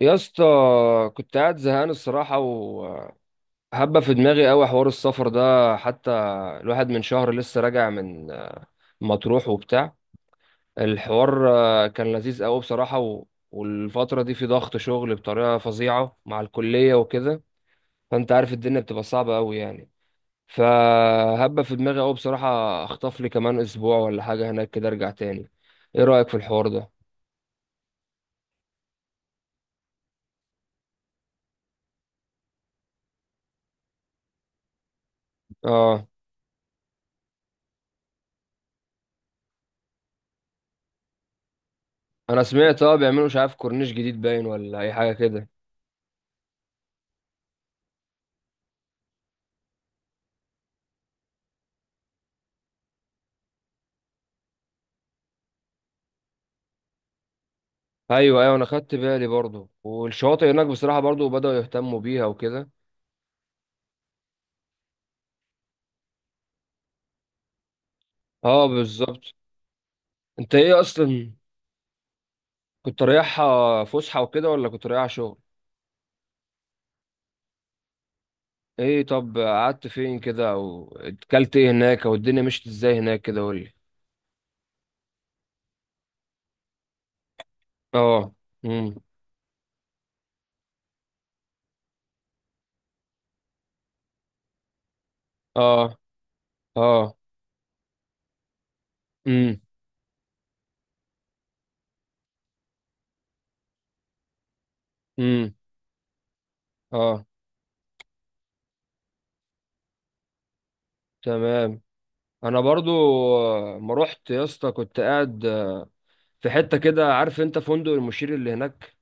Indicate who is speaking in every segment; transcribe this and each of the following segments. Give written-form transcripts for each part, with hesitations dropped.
Speaker 1: يا اسطى، كنت قاعد زهقان الصراحة وهبة في دماغي قوي حوار السفر ده. حتى الواحد من شهر لسه راجع من مطروح وبتاع الحوار. كان لذيذ قوي بصراحة والفترة دي في ضغط شغل بطريقة فظيعة مع الكلية وكده، فانت عارف الدنيا بتبقى صعبة قوي يعني. فهبة في دماغي قوي بصراحة، اخطف لي كمان اسبوع ولا حاجة هناك كده ارجع تاني. ايه رأيك في الحوار ده؟ اه. انا سمعت، اه، بيعملوا مش عارف كورنيش جديد باين ولا اي حاجة كده. ايوه ايوه، انا خدت بالي برضو، والشواطئ هناك بصراحه برضو بداوا يهتموا بيها وكده. اه بالظبط. انت ايه اصلا، كنت رايحها فسحه وكده ولا كنت رايحها شغل؟ ايه طب، قعدت فين كده او اكلت ايه هناك او الدنيا مشيت ازاي هناك كده، قول لي. اه. امم اه. اه. امم امم اه. تمام، انا برضو. ما رحت يا اسطى، كنت قاعد في حته كده، عارف انت فندق المشير اللي هناك؟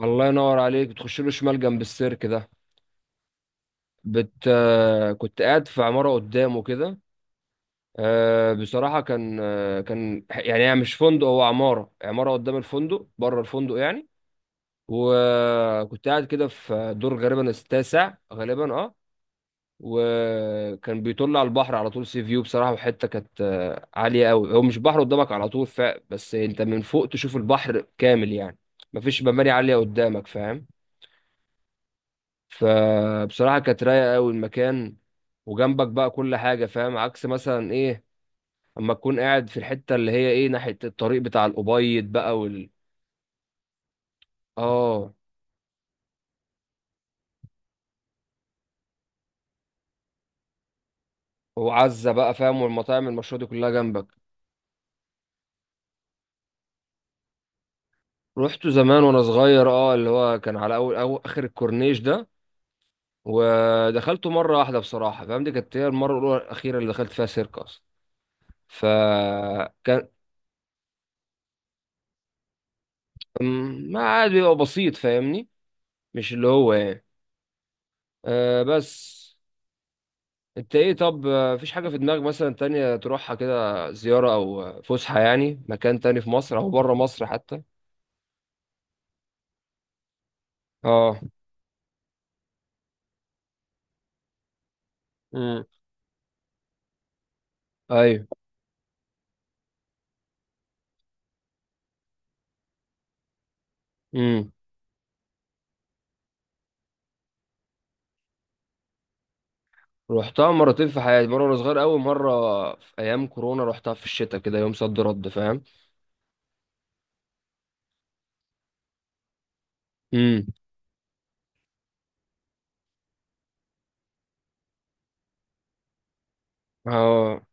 Speaker 1: الله ينور عليك، بتخش له شمال جنب السيرك ده. بت آه، كنت قاعد في عمارة قدامه كده. بصراحة كان، كان يعني، هي مش فندق، هو عمارة قدام الفندق، بره الفندق يعني. وكنت قاعد كده في دور غالبا التاسع، غالبا اه. وكان بيطل على البحر على طول، سي فيو بصراحة. وحتة كانت عالية قوي، هو مش بحر قدامك على طول بس انت من فوق تشوف البحر كامل يعني، مفيش مباني عالية قدامك، فاهم. فبصراحة كانت رايقة قوي المكان، وجنبك بقى كل حاجة، فاهم؟ عكس مثلا ايه، اما تكون قاعد في الحتة اللي هي ايه، ناحية الطريق بتاع الأبيض بقى اه. وعزة بقى، فاهم، والمطاعم المشهورة دي كلها جنبك. رحت زمان وانا صغير، اه، اللي هو كان على اول أو اخر الكورنيش ده، ودخلته مرة واحدة بصراحة، فاهم، دي كانت هي المرة الأولى الأخيرة اللي دخلت فيها سيرك أصلا. فكان، ما عاد بيبقى بسيط، فاهمني، مش اللي هو يعني. آه بس، انت ايه طب، مفيش حاجة في دماغك مثلا تانية تروحها كده زيارة او فسحة يعني، مكان تاني في مصر او بره مصر حتى؟ اه. امم ايوه. امم رحتها مرتين في حياتي، مرة وانا صغير قوي، مرة في ايام كورونا. رحتها في الشتاء كده، يوم صد رد، فاهم. امم اه.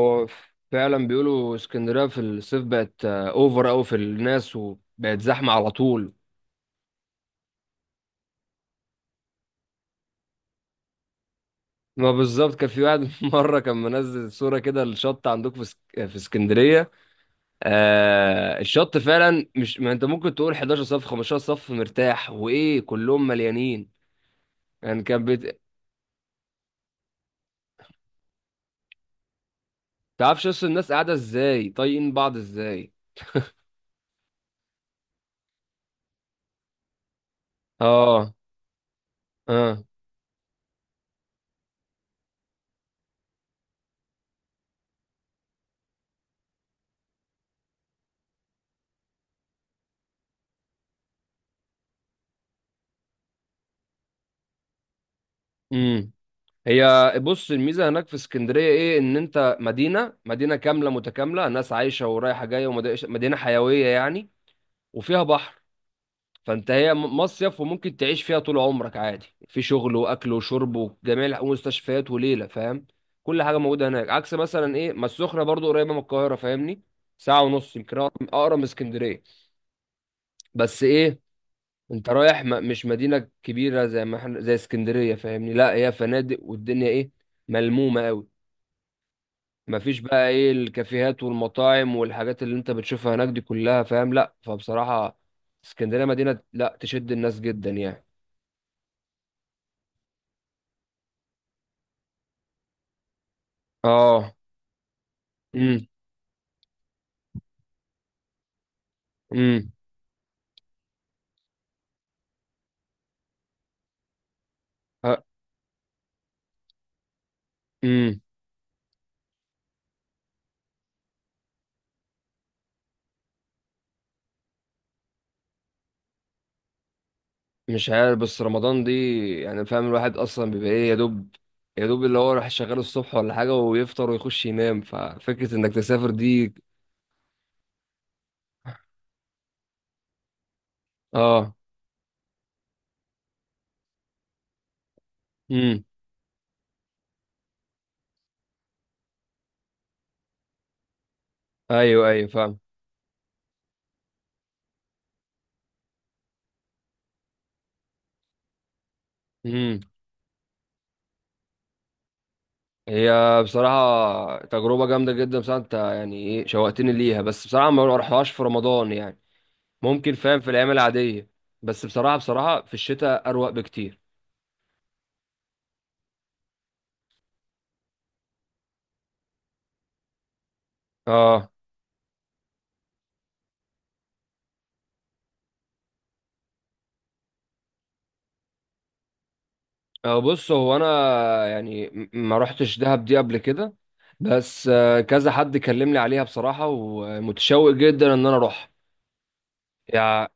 Speaker 1: هو فعلا بيقولوا اسكندرية في الصيف بقت اوفر قوي في الناس وبقت زحمة على طول. ما بالظبط، كان في واحد مرة، كان منزل صورة كده الشط عندكم في في اسكندرية، آه، الشط فعلا، مش ما انت ممكن تقول 11 صف 15 صف مرتاح، وايه كلهم مليانين يعني، كان تعرفش اصل الناس قاعده ازاي، طايقين بعض ازاي. اه. اه. امم هي بص، الميزه هناك في اسكندريه ايه، ان انت مدينه كامله متكامله، ناس عايشه ورايحه جايه، ومدينه حيويه يعني، وفيها بحر. فانت هي مصيف، وممكن تعيش فيها طول عمرك عادي، في شغل واكل وشرب وجميع ومستشفيات وليله، فاهم. كل حاجه موجوده هناك، عكس مثلا ايه، ما السخنه برضو قريبه من القاهره، فاهمني، ساعه ونص يمكن، اقرب، أقرب من اسكندريه. بس ايه، انت رايح مش مدينه كبيره زي ما احنا زي اسكندريه، فاهمني، لا هي فنادق والدنيا ايه، ملمومه قوي. مفيش بقى ايه الكافيهات والمطاعم والحاجات اللي انت بتشوفها هناك دي كلها، فاهم؟ لا فبصراحه اسكندريه مدينه لا تشد الناس جدا يعني. اه. امم امم ها-. امم مش عارف، بس رمضان دي يعني، فاهم، الواحد اصلا بيبقى ايه يا دوب، يا دوب اللي هو راح شغال الصبح ولا حاجه ويفطر ويخش ينام، ففكره انك تسافر دي. اه. امم ايوه ايوه فاهم. امم هي بصراحه تجربه جامده جدا بصراحه، انت يعني ايه، شوقتني ليها، بس بصراحه ما اروحهاش في رمضان يعني، ممكن فاهم في الايام العاديه. بس بصراحه، بصراحه في الشتاء اروق بكتير. اه. أه بص، هو انا يعني ما رحتش دهب دي قبل كده، بس كذا حد كلمني عليها بصراحة ومتشوق جدا ان انا اروح يعني.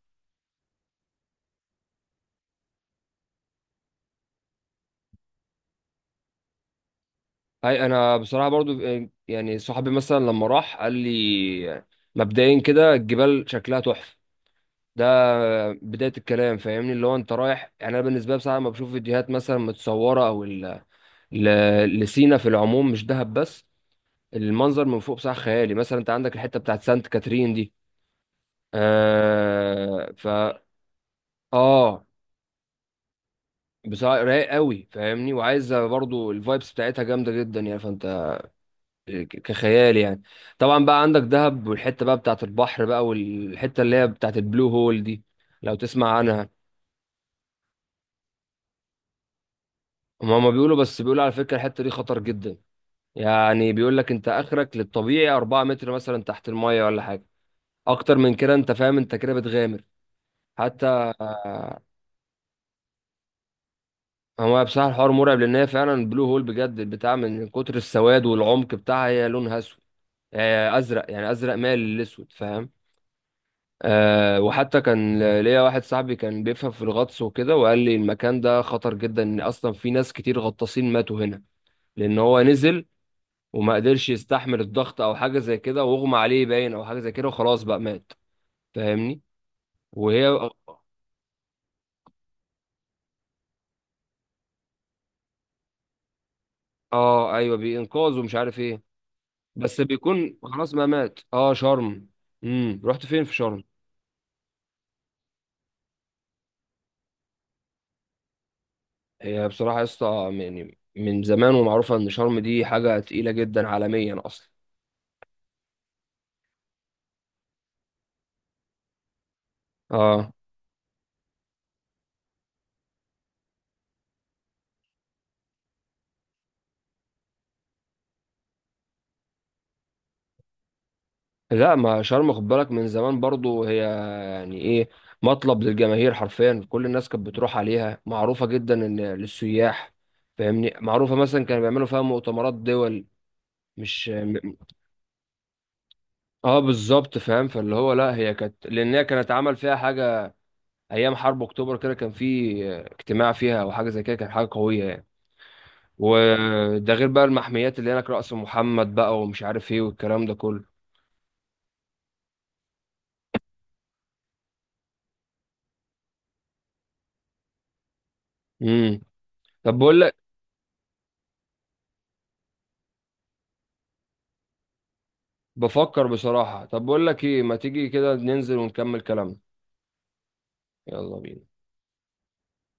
Speaker 1: هاي انا بصراحة برضو يعني صاحبي مثلا لما راح قال لي، مبدئيا كده الجبال شكلها تحفة. ده بداية الكلام، فاهمني، اللي هو انت رايح يعني، انا بالنسبة لي بصراحة لما بشوف فيديوهات مثلا متصورة او لسينا في العموم، مش دهب بس، المنظر من فوق بصراحة خيالي. مثلا انت عندك الحتة بتاعت سانت كاترين دي، آه فا. اه بصراحة رايق قوي، فاهمني، وعايزة برضو الفايبس بتاعتها جامدة جدا يعني، فانت كخيال يعني. طبعا بقى عندك دهب، والحتة بقى بتاعت البحر بقى، والحتة اللي هي بتاعت البلو هول دي، لو تسمع عنها. هما ما بيقولوا بس، بيقولوا على فكرة الحتة دي خطر جدا، يعني بيقول لك انت اخرك للطبيعي 4 متر مثلا تحت المية ولا حاجة، اكتر من كده انت فاهم، انت كده بتغامر حتى. هو بصراحة الحوار مرعب، لأن هي فعلا بلو هول بجد البتاع، من كتر السواد والعمق بتاعها هي لونها أسود، أزرق يعني، أزرق مايل للأسود، فاهم. أه، وحتى كان ليا واحد صاحبي كان بيفهم في الغطس وكده وقال لي المكان ده خطر جدا، إن أصلا في ناس كتير غطاسين ماتوا هنا، لأن هو نزل وما قدرش يستحمل الضغط أو حاجة زي كده، واغمى عليه باين أو حاجة زي كده وخلاص بقى مات، فاهمني. وهي اه ايوه، بينقاذ ومش عارف ايه، بس بيكون خلاص ما مات. اه شرم. رحت فين في شرم؟ هي بصراحه يا اسطى يعني من زمان ومعروفه ان شرم دي حاجه تقيله جدا عالميا اصلا. اه. لا ما شرم خد بالك من زمان برضو، هي يعني ايه، مطلب للجماهير حرفيا كل الناس كانت بتروح عليها، معروفة جدا ان للسياح، فاهمني، معروفة مثلا كانوا بيعملوا فيها مؤتمرات دول، مش اه بالظبط فاهم، فاللي هو لا هي كانت، لان هي كانت عمل فيها حاجة ايام حرب اكتوبر كده، كان في اجتماع فيها او حاجه زي كده، كان حاجه قويه يعني. وده غير بقى المحميات اللي هناك، رأس محمد بقى ومش عارف ايه والكلام ده كله. امم طب بقول لك، بفكر بصراحه. طب بقول لك ايه، ما تيجي كده ننزل ونكمل كلامنا. يلا بينا.